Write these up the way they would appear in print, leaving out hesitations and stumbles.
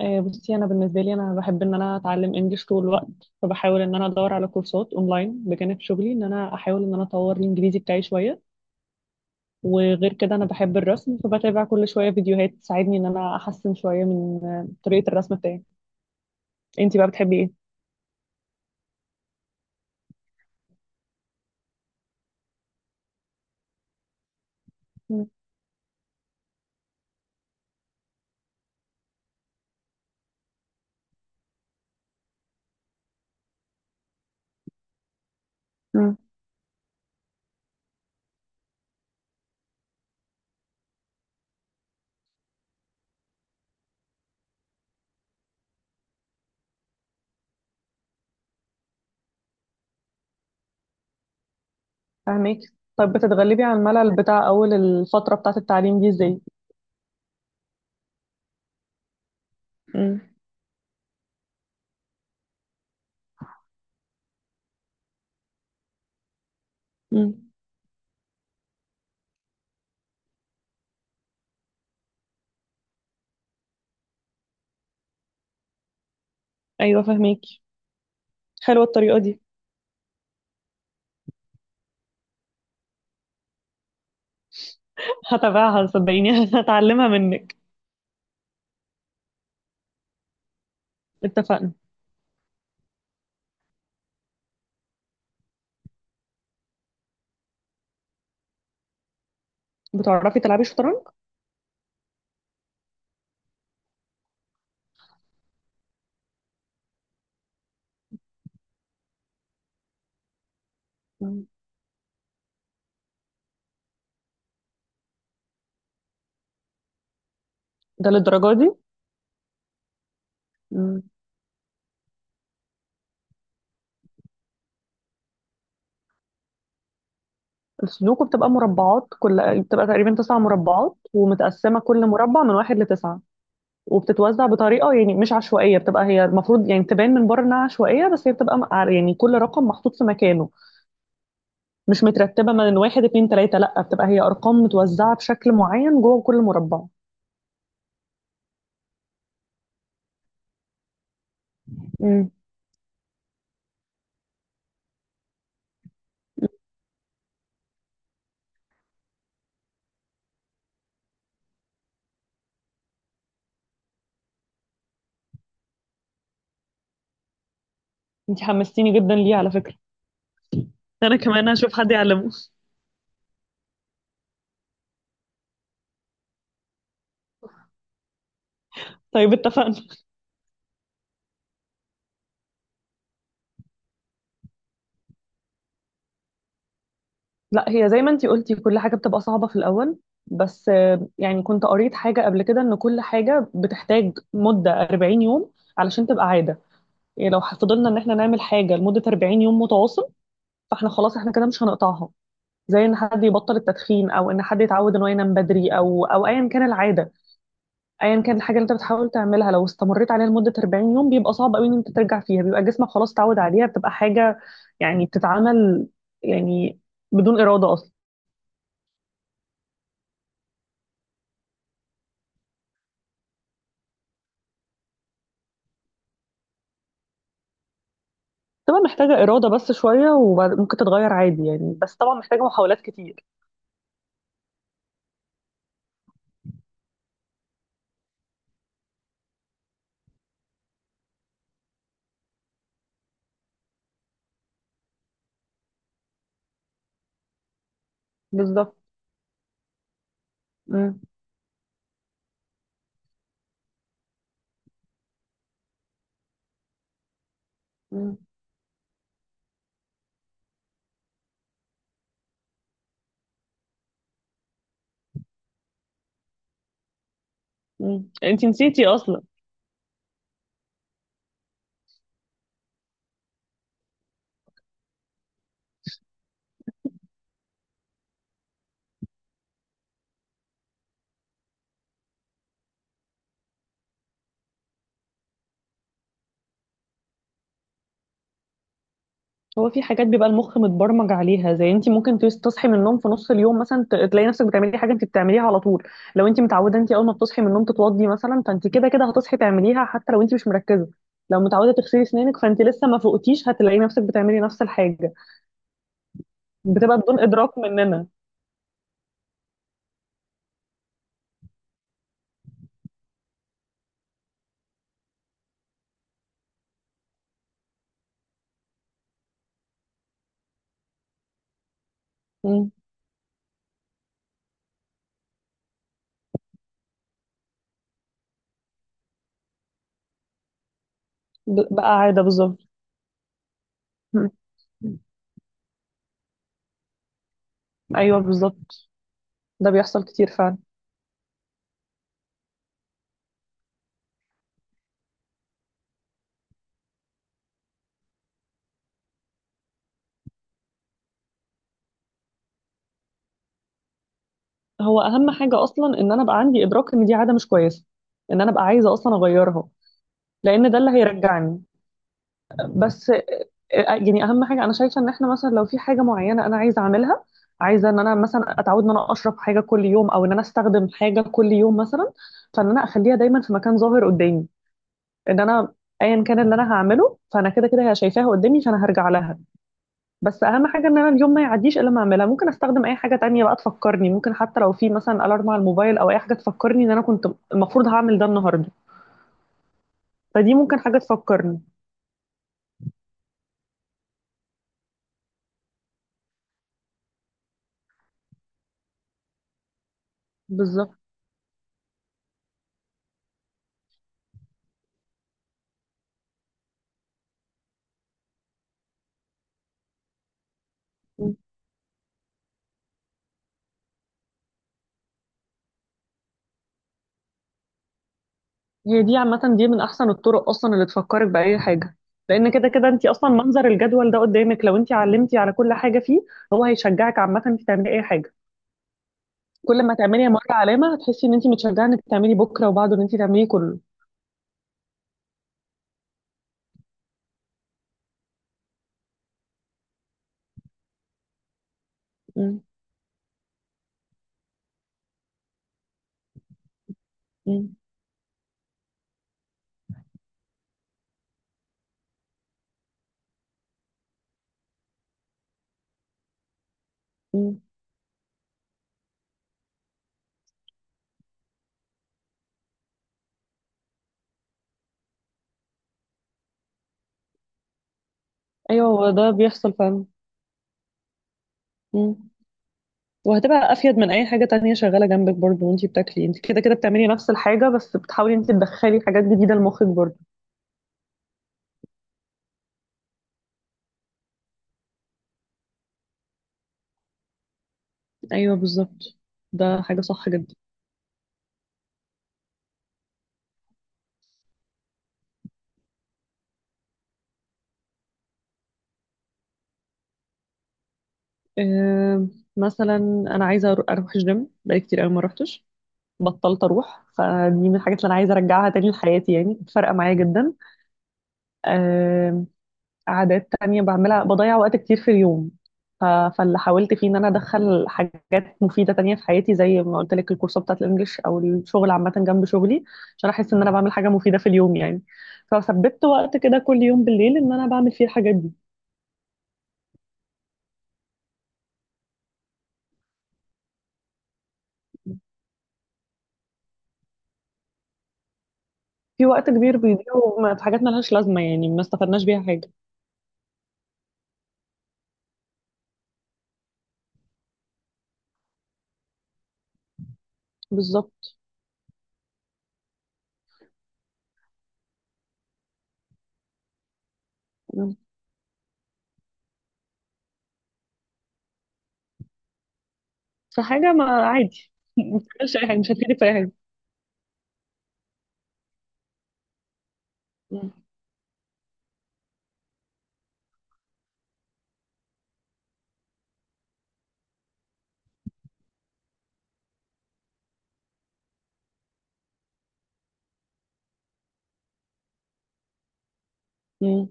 آه، بصي انا بالنسبه لي انا بحب ان انا اتعلم انجليش طول الوقت. فبحاول ان انا ادور على كورسات اونلاين بجانب شغلي، ان انا احاول ان انا اطور الانجليزي بتاعي شويه. وغير كده انا بحب الرسم، فبتابع كل شويه فيديوهات تساعدني ان انا احسن شويه من طريقه الرسم بتاعي. انتي بقى بتحبي ايه؟ مم. مم. فاهمك. طب بتتغلبي على الملل بتاع اول الفتره بتاعه التعليم دي ازاي؟ مم. مم. ايوه، فاهمك. حلوه الطريقه دي. هتابعها صدقيني هتعلمها منك. اتفقنا. بتعرفي تلعبي شطرنج؟ ده للدرجة دي؟ مم. السودوكو بتبقى مربعات، كل بتبقى تقريبا تسع مربعات ومتقسمة كل مربع من واحد لتسعة. وبتتوزع بطريقة يعني مش عشوائية، بتبقى هي المفروض يعني تبان من بره إنها عشوائية، بس هي بتبقى يعني كل رقم محطوط في مكانه. مش مترتبة من واحد اتنين تلاتة، لأ، بتبقى هي أرقام متوزعة بشكل معين جوه كل مربع. مم. انتي حمستيني جدا ليه على فكرة. أنا كمان هشوف حد يعلمه. طيب، اتفقنا. لا، هي زي ما انتي قلتي كل حاجة بتبقى صعبة في الأول. بس يعني كنت قريت حاجة قبل كده إن كل حاجة بتحتاج مدة 40 يوم علشان تبقى عادة. يعني لو فضلنا إن إحنا نعمل حاجة لمدة 40 يوم متواصل، فإحنا خلاص إحنا كده مش هنقطعها. زي إن حد يبطل التدخين أو إن حد يتعود إن هو ينام بدري، أو أيا كان العادة. أيا كان الحاجة اللي أنت بتحاول تعملها لو استمريت عليها لمدة 40 يوم بيبقى صعب قوي إن أنت ترجع فيها، بيبقى جسمك خلاص اتعود عليها، بتبقى حاجة يعني بتتعمل، يعني بدون إرادة أصلا. بتبقى محتاجة إرادة بس شوية وممكن تتغير عادي يعني، بس طبعا محتاجة محاولات كتير. بالظبط. مم. مم. مم. انتي نسيتي أصلا. هو في حاجات بيبقى المخ متبرمج عليها، زي انتي ممكن تصحي من النوم في نص اليوم مثلا تلاقي نفسك بتعملي حاجة انتي بتعمليها على طول. لو انتي متعودة انتي أول ما بتصحي من النوم تتوضي مثلا، فانتي كده كده هتصحي تعمليها حتى لو انتي مش مركزة. لو متعودة تغسلي أسنانك، فانتي لسه ما فوقتيش هتلاقي نفسك بتعملي نفس الحاجة. بتبقى بدون إدراك مننا. مم. بقى عادة بالظبط. مم. ايوه، بالظبط. ده بيحصل كتير فعلا. هو اهم حاجه اصلا ان انا ابقى عندي ادراك ان دي عاده مش كويسه، ان انا ابقى عايزه اصلا اغيرها، لان ده اللي هيرجعني. بس يعني اهم حاجه انا شايفه ان احنا مثلا لو في حاجه معينه انا عايزه اعملها، عايزه ان انا مثلا اتعود ان انا اشرب حاجه كل يوم او ان انا استخدم حاجه كل يوم مثلا، فان انا اخليها دايما في مكان ظاهر قدامي. ان انا ايا كان اللي انا هعمله فانا كده كده هي شايفاها قدامي فانا هرجع لها. بس اهم حاجه ان انا اليوم ما يعديش الا ما اعملها. ممكن استخدم اي حاجه تانية بقى تفكرني، ممكن حتى لو في مثلا الارم على الموبايل او اي حاجه تفكرني ان انا كنت المفروض هعمل ده النهارده. فدي ممكن حاجه تفكرني. بالظبط. هي دي عامه دي من احسن الطرق اصلا اللي تفكرك باي حاجه، لان كده كده انت اصلا منظر الجدول ده قدامك لو انت علمتي على كل حاجه فيه هو هيشجعك عامه انك تعملي اي حاجه. كل ما تعملي مره علامه هتحسي ان انت متشجعه انك تعملي بكره وبعده ان انت تعملي كله. م- م- م. ايوه، هو ده بيحصل فعلا. م. وهتبقى افيد من اي حاجه تانية شغاله جنبك برضو، وانتي بتاكلي انت كده كده بتعملي نفس الحاجه بس بتحاولي انت تدخلي حاجات جديده لمخك برضو. ايوه بالظبط. ده حاجه صح جدا. أه، مثلا انا عايزه اروح الجيم بقالي كتير قوي ما روحتش. بطلت اروح، فدي من الحاجات اللي انا عايزه ارجعها تاني لحياتي يعني فرقه معايا جدا. عادات تانية بعملها بضيع وقت كتير في اليوم. ف... فاللي حاولت فيه ان انا ادخل حاجات مفيدة تانية في حياتي زي ما قلت لك الكورسات بتاعت الانجليش او الشغل عامة جنب شغلي عشان احس ان انا بعمل حاجة مفيدة في اليوم يعني. فثبت وقت كده كل يوم بالليل ان انا بعمل فيه الحاجات دي. في وقت كبير بيضيع، في حاجات ملهاش لازمة يعني ما استفدناش بيها حاجة. بالظبط. م. فحاجة ما عادي ما بتعملش اي حاجة مش هتفيدك في اي حاجة. م. م.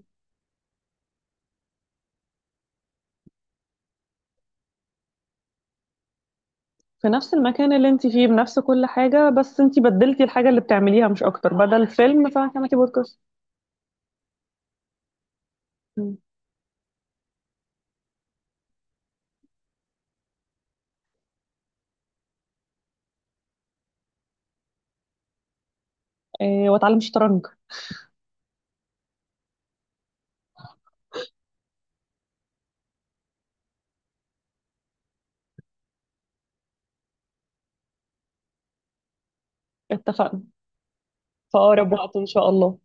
في نفس المكان اللي انت فيه بنفس كل حاجة بس انت بدلتي الحاجة اللي بتعمليها مش اكتر، بدل فيلم فهتعملي بودكاست. اه، واتعلم شطرنج. اتفقنا. في اقرب وقت ان شاء الله.